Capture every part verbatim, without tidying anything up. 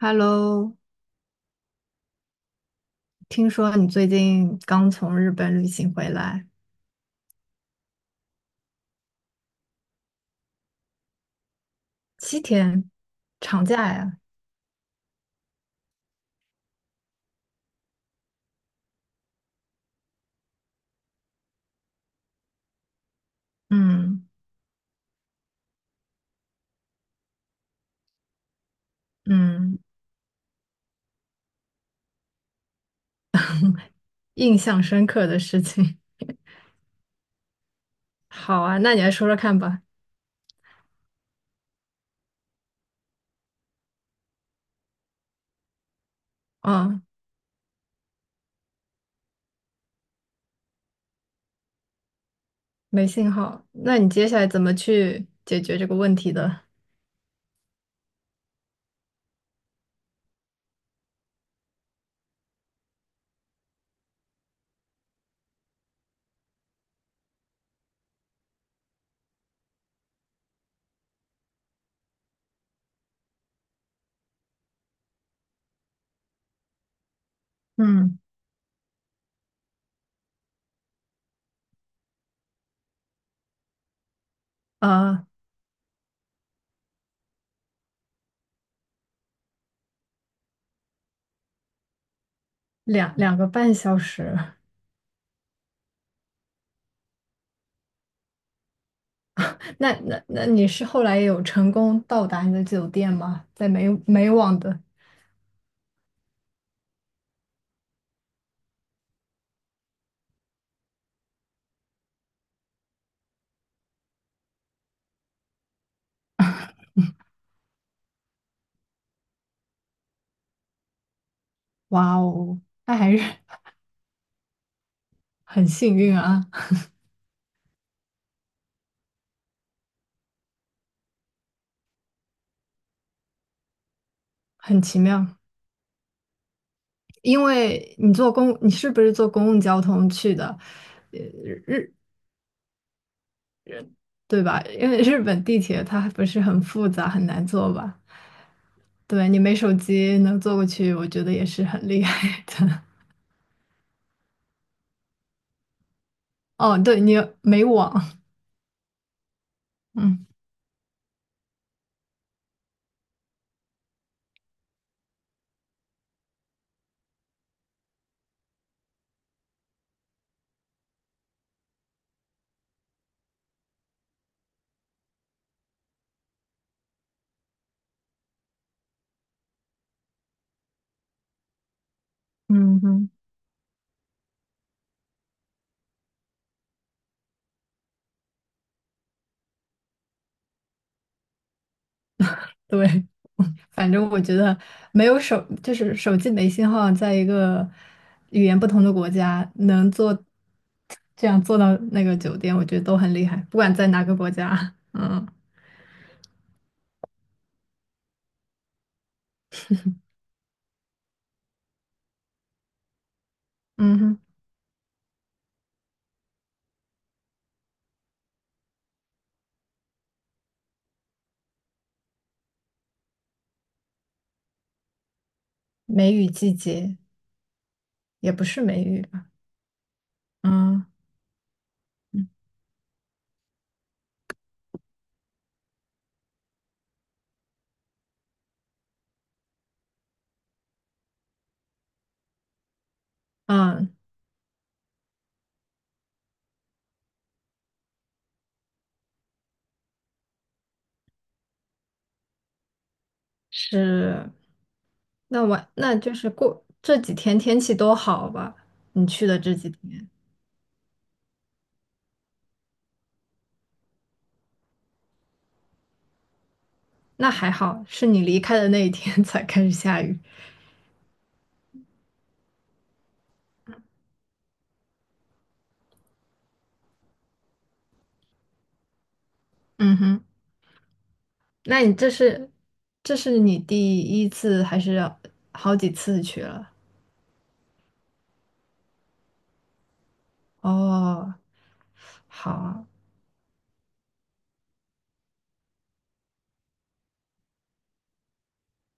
Hello，听说你最近刚从日本旅行回来，七天长假呀？嗯。嗯。印象深刻的事情。好啊，那你来说说看吧。啊，没信号，那你接下来怎么去解决这个问题的？嗯。呃，两两个半小时。那那那你是后来有成功到达你的酒店吗？在美美网的。哇哦，那还是 很幸运啊，很奇妙。因为你坐公，你是不是坐公共交通去的，对吧？因为日本地铁它不是很复杂，很难坐吧？对，你没手机能坐过去，我觉得也是很厉害的。哦，对，你没网，嗯。嗯哼。对，反正我觉得没有手，就是手机没信号，在一个语言不同的国家能坐，这样坐到那个酒店，我觉得都很厉害，不管在哪个国家。嗯。嗯哼。梅雨季节。也不是梅雨吧？嗯。嗯。是。那我那就是过这几天天气都好吧？你去的这几天，那还好，是你离开的那一天 才开始下雨。嗯哼。那你这是这是你第一次还是好几次去了？哦。好啊。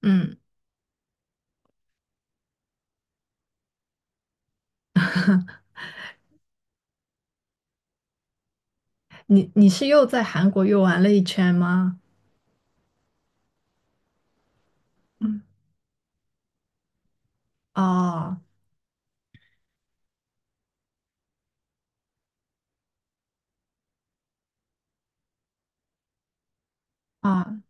嗯，你你是又在韩国又玩了一圈吗？嗯。哦。啊。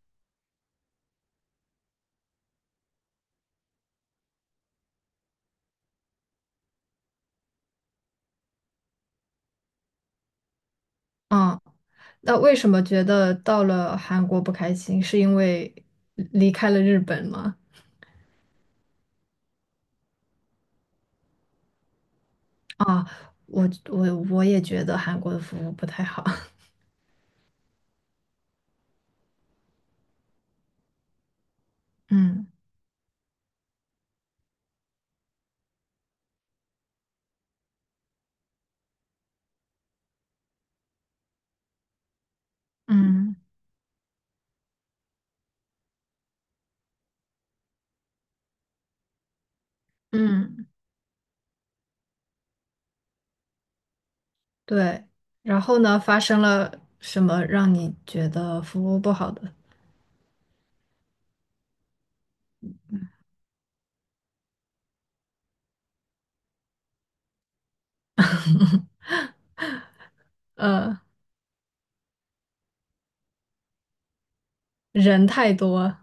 嗯。那为什么觉得到了韩国不开心？是因为离开了日本吗？啊，我我我也觉得韩国的服务不太好。嗯。嗯。嗯。对。然后呢，发生了什么让你觉得服务不好的？呃，人太多。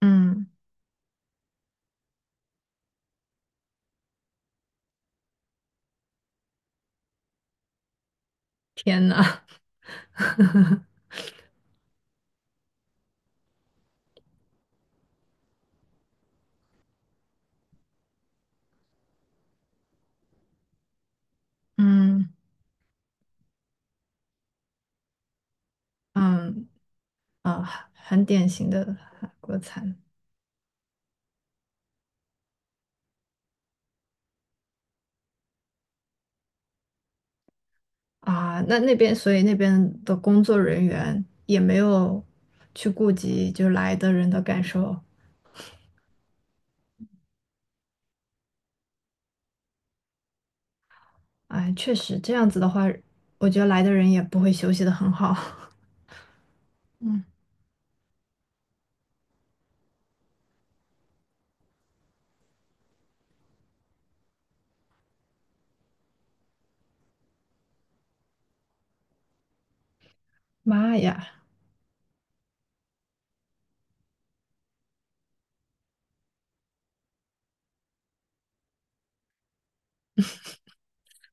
嗯。天呐！嗯。嗯。啊，很典型的韩国餐。啊，那那边，所以那边的工作人员也没有去顾及就来的人的感受。哎，确实这样子的话，我觉得来的人也不会休息的很好。妈呀！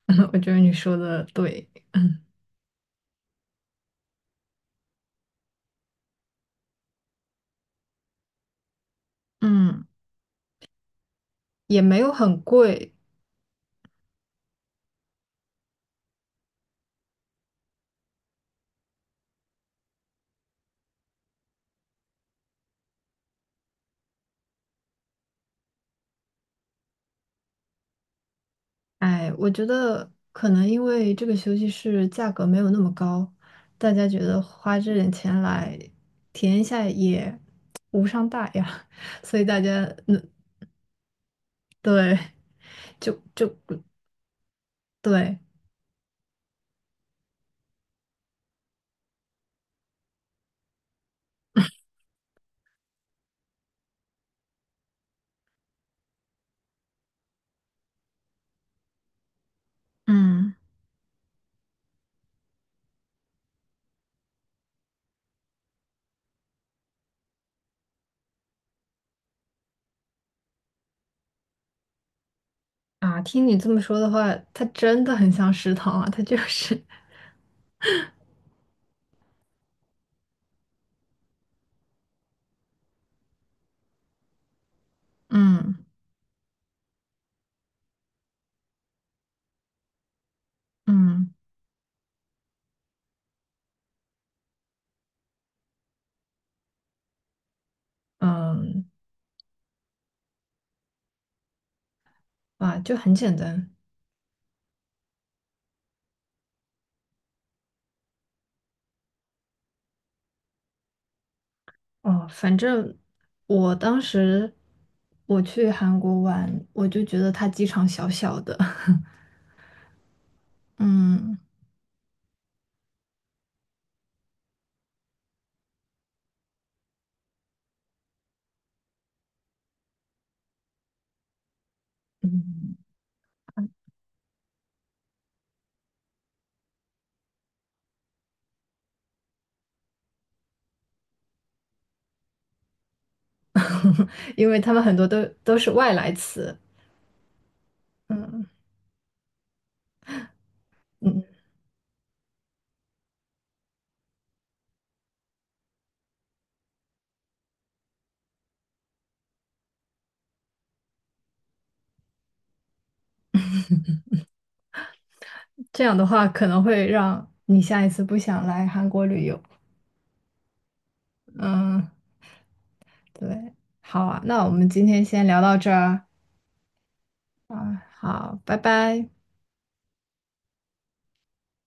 我觉得你说的对。嗯，也没有很贵。哎，我觉得可能因为这个休息室价格没有那么高，大家觉得花这点钱来体验一下也无伤大雅，所以大家嗯对。就就对 嗯啊，听你这么说的话，它真的很像食堂啊，它就是 嗯。嗯。嗯。啊，就很简单。哦。反正我当时我去韩国玩，我就觉得它机场小小的，嗯。因为他们很多都都是外来词。嗯。嗯。这样的话可能会让你下一次不想来韩国旅游。嗯。对，好啊，那我们今天先聊到这儿啊，好，拜拜。